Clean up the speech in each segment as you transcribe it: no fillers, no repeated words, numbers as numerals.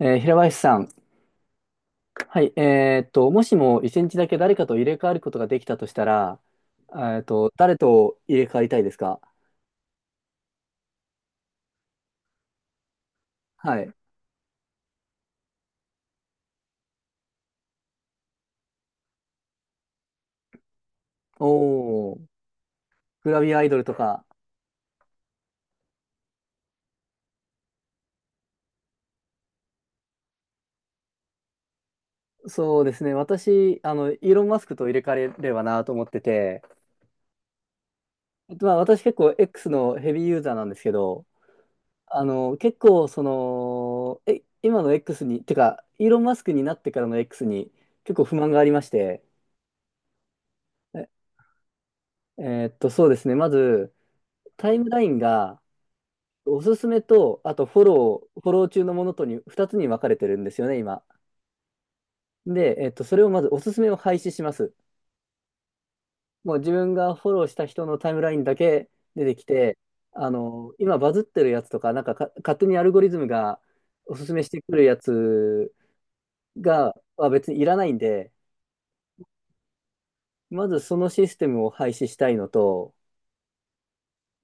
平林さん、はい、もしも一日だけ誰かと入れ替わることができたとしたら、誰と入れ替わりたいですか？はい。おー、グラビアアイドルとか。そうですね、私、イーロン・マスクと入れ替えればなと思ってて、まあ、私結構 X のヘビーユーザーなんですけど、結構、今の X に、てか、イーロン・マスクになってからの X に結構不満がありまして、え、えーっと、そうですね、まず、タイムラインが、おすすめと、あとフォロー中のものとに2つに分かれてるんですよね、今。で、それをまずおすすめを廃止します。もう自分がフォローした人のタイムラインだけ出てきて、今バズってるやつとか、なんか、勝手にアルゴリズムがおすすめしてくるやつは別にいらないんで、まずそのシステムを廃止したいのと、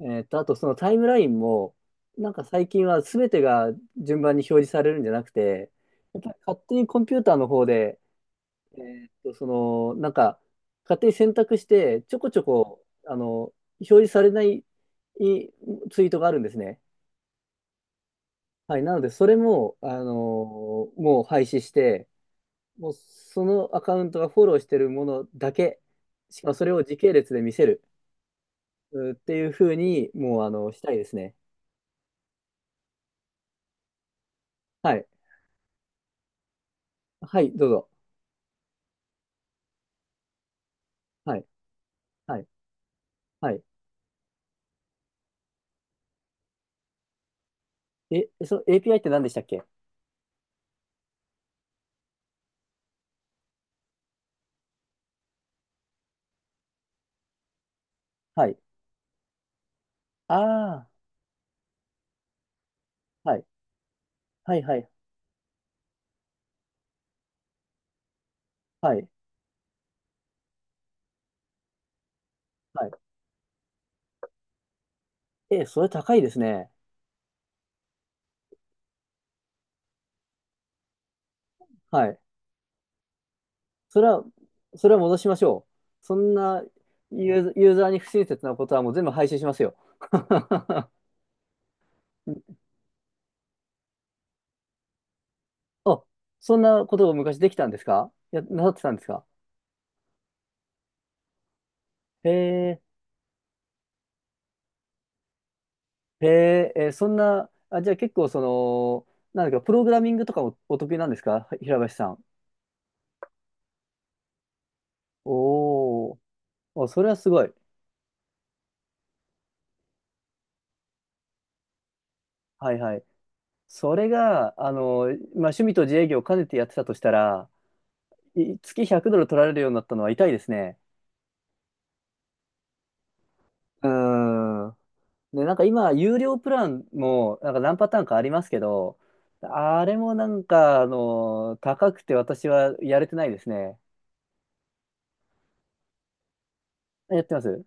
あとそのタイムラインも、なんか最近は全てが順番に表示されるんじゃなくて、やっぱり勝手にコンピューターの方で、えーっと、その、なんか、勝手に選択して、ちょこちょこ、表示されないいツイートがあるんですね。はい。なので、それも、もう廃止して、もうそのアカウントがフォローしてるものだけ、しかもそれを時系列で見せるっていうふうに、もう、したいですね。はい。はい、どうぞ。はい。はい。はい。え、その API って何でしたっけ？はい。ああ、はい。はい、はい、はい。はい。え、それ高いですね。はい。それは、それは戻しましょう。そんなユーザーに不親切なことはもう全部廃止しますよ。あ、そんなことを昔できたんですか？なさってたんですか？へえ、へえ、そんな、あ、じゃあ結構なんだか、プログラミングとかもお得意なんですか？平林さん。おー、お、それはすごい。はいはい。それが、まあ、趣味と自営業を兼ねてやってたとしたら、月100ドル取られるようになったのは痛いですね。うーん。で、なんか今、有料プランも、なんか何パターンかありますけど、あれもなんか、高くて私はやれてないですね。やってます？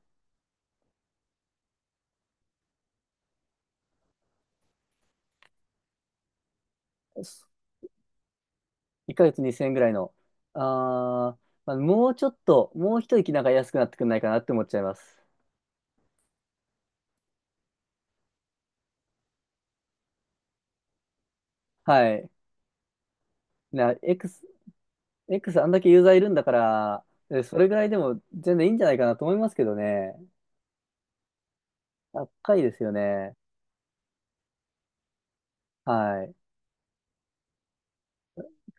1ヶ月2000円ぐらいの。あー、まあ、もうちょっと、もう一息なんか安くなってくんないかなって思っちゃいます。はい。な、X、X あんだけユーザーいるんだから、それぐらいでも全然いいんじゃないかなと思いますけどね。高いですよね。はい。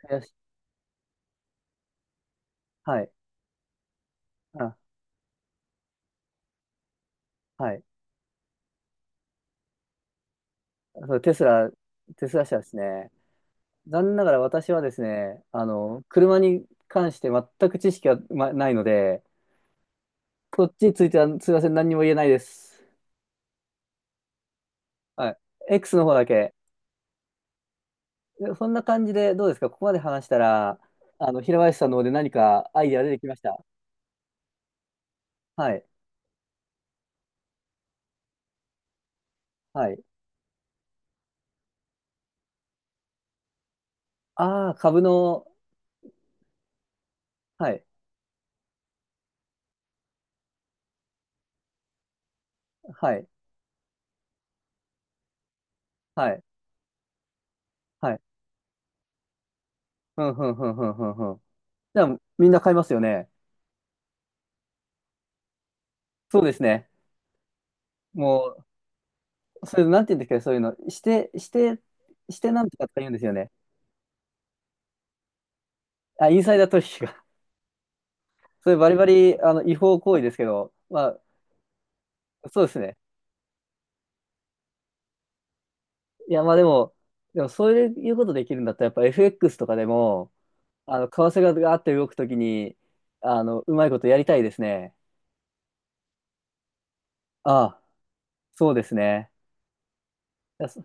悔しはい。あ、はい。そう、テスラ社ですね。残念ながら私はですね、車に関して全く知識はないので、こっちについてはすいません、何にも言えないです。はい。X の方だけ。でそんな感じでどうですか？ここまで話したら、平林さんの方で何かアイデア出てきました？はい。はい。ああ、株の、はい。はい。はい。はい。ふんふんふんふんふんふん。じゃあ、みんな買いますよね。そうですね。もう、それ、なんて言うんですか、そういうの。してなんとかとか言うんですよね。あ、インサイダー取それバリバリ、違法行為ですけど、まあ、そうですね。いや、まあでも、そういうことできるんだったら、やっぱ FX とかでも、為替がガーって動くときに、うまいことやりたいですね。ああ、そうですね。いやそ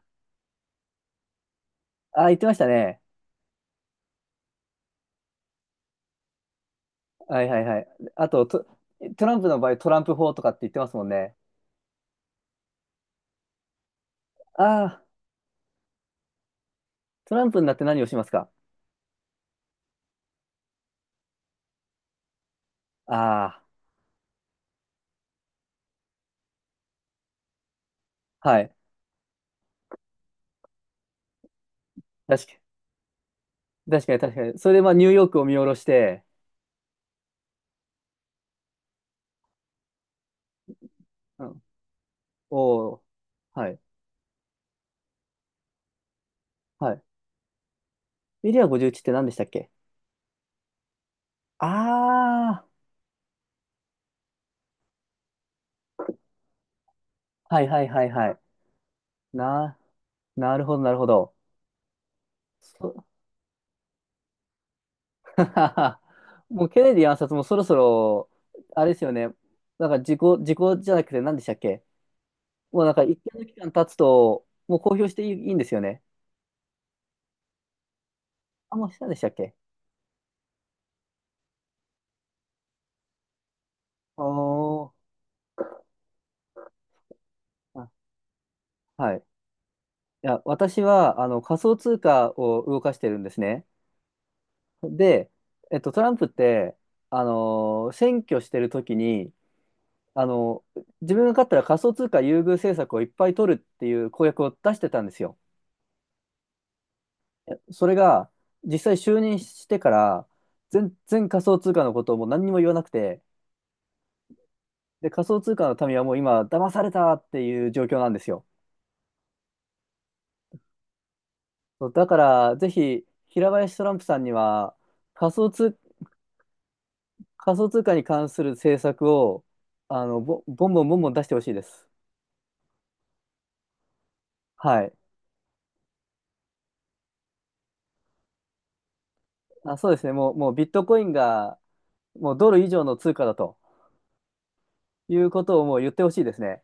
ああ、言ってましたね。はいはいはい。あと、トランプの場合、トランプ法とかって言ってますもんね。ああ、トランプになって何をしますか？ああ、はい。確かに、確かに、確かに。それで、まあ、ニューヨークを見下ろして、うん、おお、はい。はい。エリア51って何でしたっけ？ああー、はいはいはいはい。な、なるほどなるほど。そ もうケネディ暗殺もそろそろ、あれですよね。なんか時効じゃなくて何でしたっけ？もうなんか一定の期間経つと、もう公表していいんですよね。あ、もうしたんでしたっけ？おー。あはい。いや、私は、仮想通貨を動かしてるんですね。で、トランプって、選挙してる時に、あの、自分が勝ったら仮想通貨優遇政策をいっぱい取るっていう公約を出してたんですよ。それが、実際就任してから、全然仮想通貨のことをもう何にも言わなくて、で、仮想通貨の民はもう今、騙されたっていう状況なんですよ。そうだから、ぜひ、平林トランプさんには、仮想通、仮想通貨に関する政策を、ボンボンボンボン出してほしいです。はい。あ、そうですね。もうビットコインが、もうドル以上の通貨だと。いうことをもう言ってほしいですね。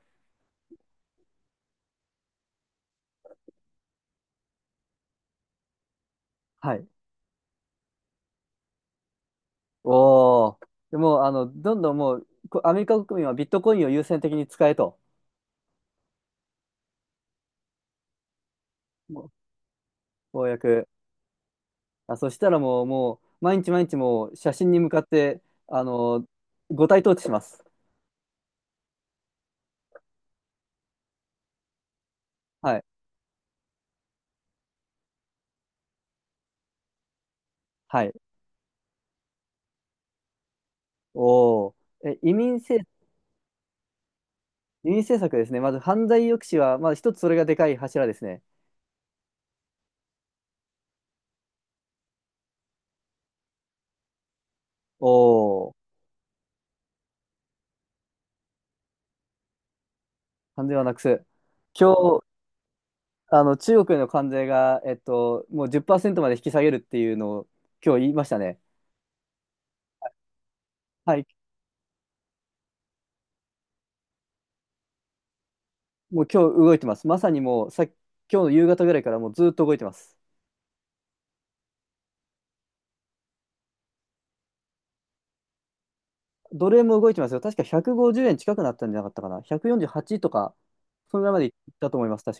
はい。おー。でもう、どんどんもう、アメリカ国民はビットコインを優先的に使えと。もう公約。あ、そしたらもう、毎日毎日もう、写真に向かって、あの、五体投地します。はい。はい。おー。え、移民政策ですね。まず、犯罪抑止は、まず一つそれがでかい柱ですね。おー。関税はなくす。今日、中国への関税が、もう10%まで引き下げるっていうのを、今日言いましたね。はい。もう今日動いてます。まさにもうさ、今日の夕方ぐらいからもうずっと動いてます。どれも動いてますよ。確か150円近くなったんじゃなかったかな。148とか、そのぐらいまでいったと思います。